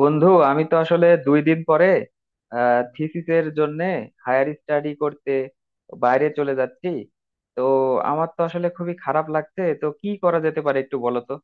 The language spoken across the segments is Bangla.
বন্ধু আমি তো আসলে 2 দিন পরে থিসিসের জন্য হায়ার স্টাডি করতে বাইরে চলে যাচ্ছি। তো আমার তো আসলে খুবই খারাপ লাগছে, তো কি করা যেতে পারে একটু বলো তো?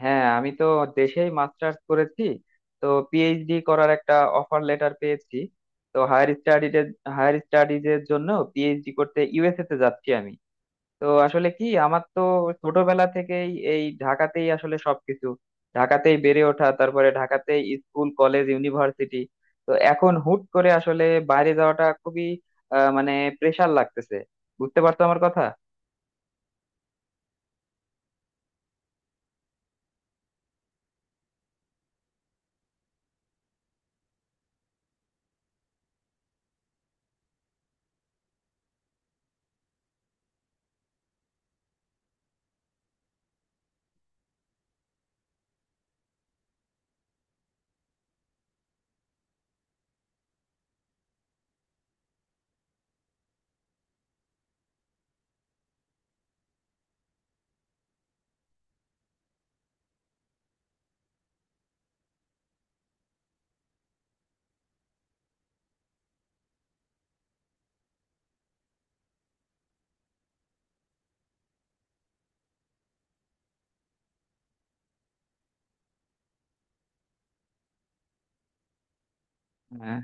হ্যাঁ, আমি তো দেশেই মাস্টার্স করেছি। তো পিএইচডি করার একটা অফার লেটার পেয়েছি। তো হায়ার স্টাডিজের জন্য পিএইচডি করতে ইউএসএ তে যাচ্ছি আমি। তো আসলে কি আমার তো ছোটবেলা থেকেই এই ঢাকাতেই আসলে সবকিছু, ঢাকাতেই বেড়ে ওঠা, তারপরে ঢাকাতেই স্কুল কলেজ ইউনিভার্সিটি। তো এখন হুট করে আসলে বাইরে যাওয়াটা খুবই মানে প্রেশার লাগতেছে। বুঝতে পারছো আমার কথা? হ্যাঁ,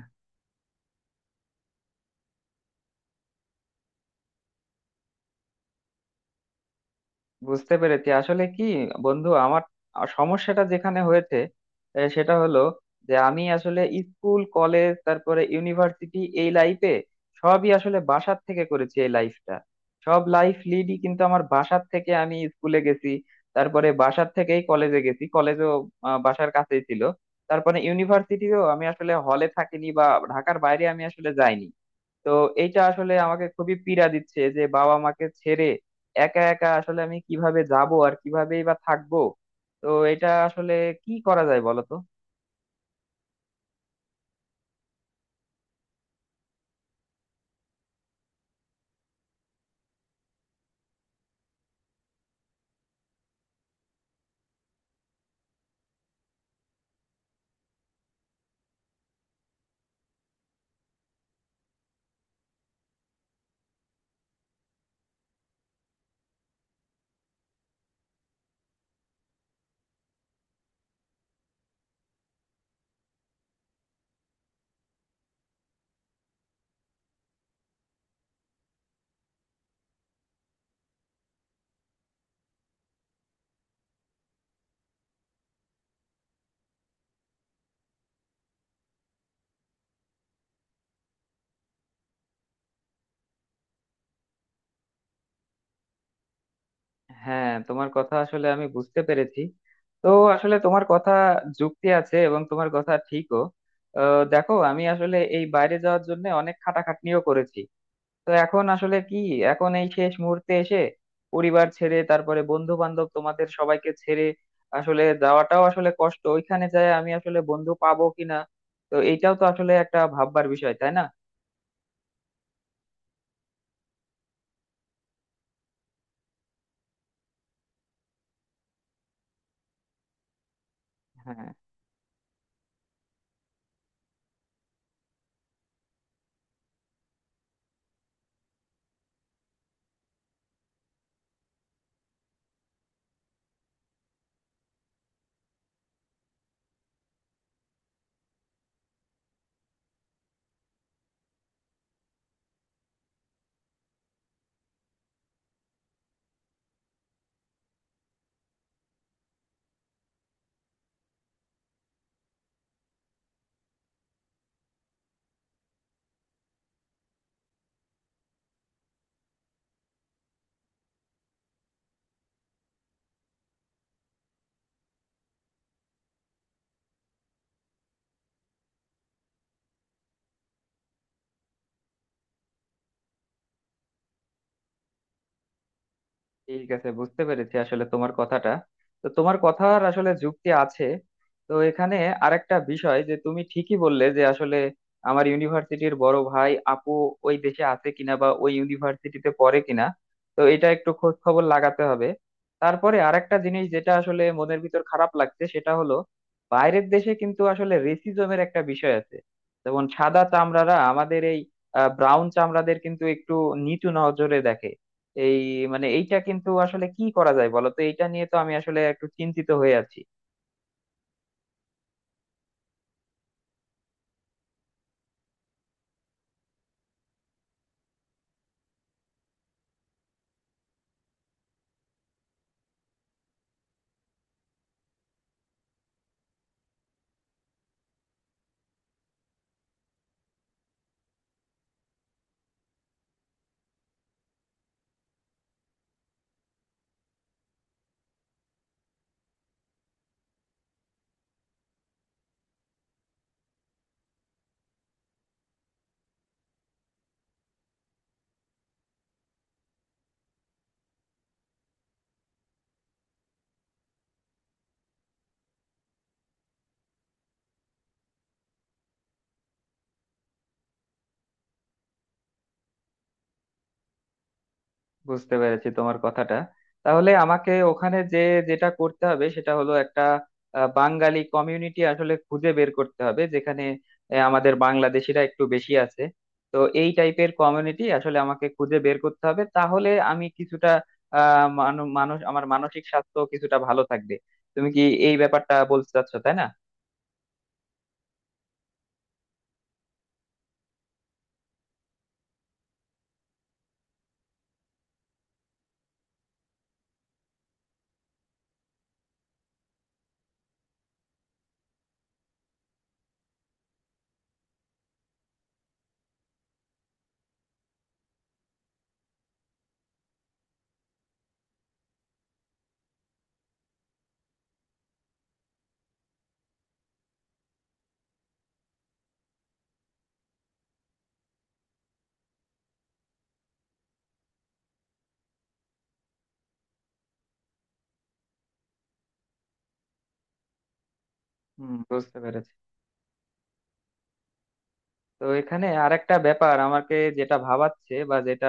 বুঝতে পেরেছি আসলে কি বন্ধু, আমার সমস্যাটা যেখানে হয়েছে সেটা হলো যে আমি আসলে স্কুল কলেজ তারপরে ইউনিভার্সিটি এই লাইফে সবই আসলে বাসার থেকে করেছি। এই লাইফটা, সব লাইফ লিডই কিন্তু আমার বাসার থেকে, আমি স্কুলে গেছি, তারপরে বাসার থেকেই কলেজে গেছি। কলেজও বাসার কাছেই ছিল। তারপরে ইউনিভার্সিটিও আমি আসলে হলে থাকিনি বা ঢাকার বাইরে আমি আসলে যাইনি। তো এইটা আসলে আমাকে খুবই পীড়া দিচ্ছে যে বাবা মাকে ছেড়ে একা একা আসলে আমি কিভাবে যাব আর কিভাবেই বা থাকবো? তো এটা আসলে কি করা যায় বলো তো? হ্যাঁ, তোমার কথা আসলে আমি বুঝতে পেরেছি। তো আসলে তোমার কথা যুক্তি আছে এবং তোমার কথা ঠিকও। দেখো আমি আসলে এই বাইরে যাওয়ার জন্য অনেক খাটাখাটনিও করেছি। তো এখন আসলে কি, এখন এই শেষ মুহূর্তে এসে পরিবার ছেড়ে তারপরে বন্ধু বান্ধব তোমাদের সবাইকে ছেড়ে আসলে যাওয়াটাও আসলে কষ্ট। ওইখানে যায় আমি আসলে বন্ধু পাবো কিনা, তো এইটাও তো আসলে একটা ভাববার বিষয়, তাই না? হ্যাঁ। ঠিক আছে, বুঝতে পেরেছি আসলে তোমার কথাটা। তো তোমার কথার আসলে যুক্তি আছে। তো এখানে আরেকটা বিষয় যে তুমি ঠিকই বললে যে আসলে আমার ইউনিভার্সিটির বড় ভাই আপু ওই দেশে আছে কিনা বা ওই ইউনিভার্সিটিতে পড়ে কিনা। তো এটা একটু খোঁজ খবর লাগাতে হবে। তারপরে আরেকটা জিনিস যেটা আসলে মনের ভিতর খারাপ লাগছে সেটা হলো, বাইরের দেশে কিন্তু আসলে রেসিজমের একটা বিষয় আছে। যেমন সাদা চামড়ারা আমাদের এই ব্রাউন চামড়াদের কিন্তু একটু নিচু নজরে দেখে। এই মানে এইটা কিন্তু আসলে কি করা যায় বলো তো, এইটা নিয়ে তো আমি আসলে একটু চিন্তিত হয়ে আছি। বুঝতে পেরেছি তোমার কথাটা। তাহলে আমাকে ওখানে যে যেটা করতে হবে সেটা হলো একটা বাঙালি কমিউনিটি আসলে খুঁজে বের করতে হবে যেখানে আমাদের বাংলাদেশিরা একটু বেশি আছে। তো এই টাইপের কমিউনিটি আসলে আমাকে খুঁজে বের করতে হবে, তাহলে আমি কিছুটা মানুষ, আমার মানসিক স্বাস্থ্য কিছুটা ভালো থাকবে। তুমি কি এই ব্যাপারটা বলতে চাচ্ছো, তাই না? হুম, বুঝতে পেরেছি। তো এখানে আরেকটা ব্যাপার আমাকে যেটা ভাবাচ্ছে বা যেটা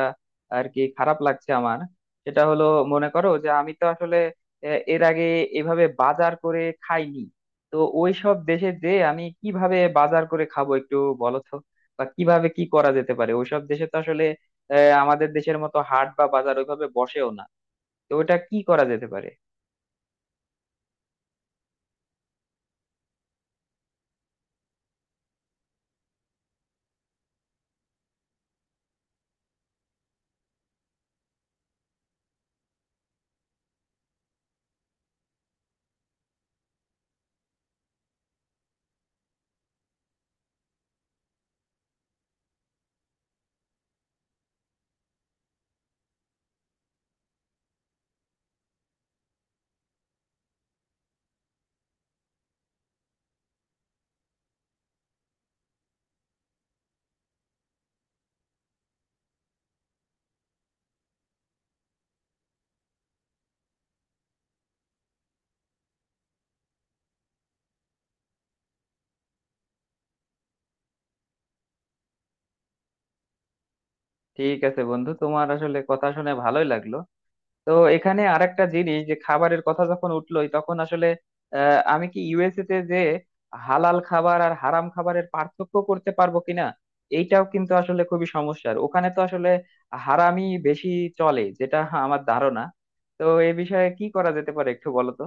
আর কি খারাপ লাগছে আমার, সেটা হলো মনে করো যে আমি তো আসলে এর আগে এভাবে বাজার করে খাইনি। তো ওই সব দেশে যে আমি কিভাবে বাজার করে খাবো একটু বলো তো? বা কিভাবে কি করা যেতে পারে, ওইসব দেশে তো আসলে আমাদের দেশের মতো হাট বা বাজার ওইভাবে বসেও না। তো ওটা কি করা যেতে পারে? ঠিক আছে বন্ধু, তোমার আসলে কথা শুনে ভালোই লাগলো। তো এখানে আরেকটা জিনিস, যে খাবারের কথা যখন উঠলোই তখন আসলে আমি কি ইউএসএ তে যে হালাল খাবার আর হারাম খাবারের পার্থক্য করতে পারবো কিনা? এইটাও কিন্তু আসলে খুবই সমস্যার, ওখানে তো আসলে হারামই বেশি চলে যেটা আমার ধারণা। তো এই বিষয়ে কি করা যেতে পারে একটু বলো তো?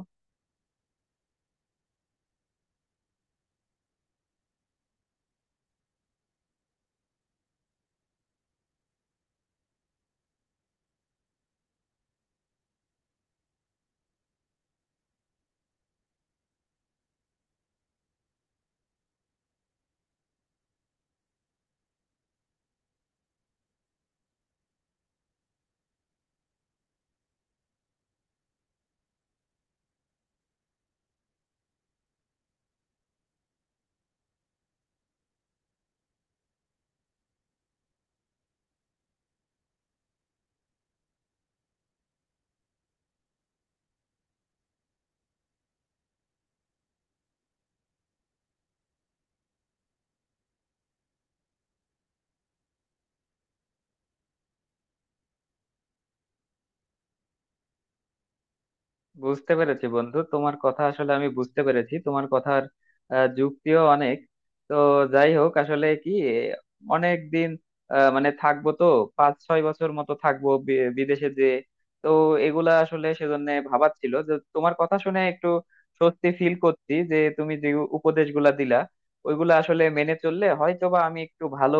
বুঝতে পেরেছি বন্ধু, তোমার কথা আসলে আমি বুঝতে পেরেছি, তোমার কথার যুক্তিও অনেক। তো যাই হোক আসলে কি অনেক দিন মানে থাকবো তো, 5-6 বছর মতো থাকবো বিদেশে যে। তো এগুলা আসলে সেজন্য ভাবাচ্ছিল, যে তোমার কথা শুনে একটু স্বস্তি ফিল করছি যে তুমি যে উপদেশগুলা দিলা, ওইগুলা আসলে মেনে চললে হয়তো বা আমি একটু ভালো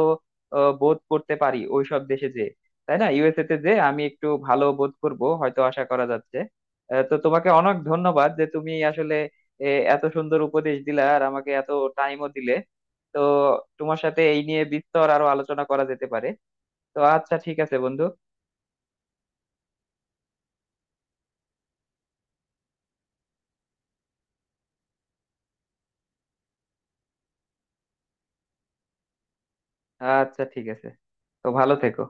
বোধ করতে পারি ওইসব দেশে যে, তাই না? ইউএসএ তে যে আমি একটু ভালো বোধ করব হয়তো, আশা করা যাচ্ছে। তো তোমাকে অনেক ধন্যবাদ যে তুমি আসলে এ, এত সুন্দর উপদেশ দিলা আর আমাকে এত টাইমও দিলে। তো তোমার সাথে এই নিয়ে বিস্তর আরো আলোচনা করা যেতে পারে। তো আচ্ছা ঠিক আছে বন্ধু। আচ্ছা ঠিক আছে, তো ভালো থেকো।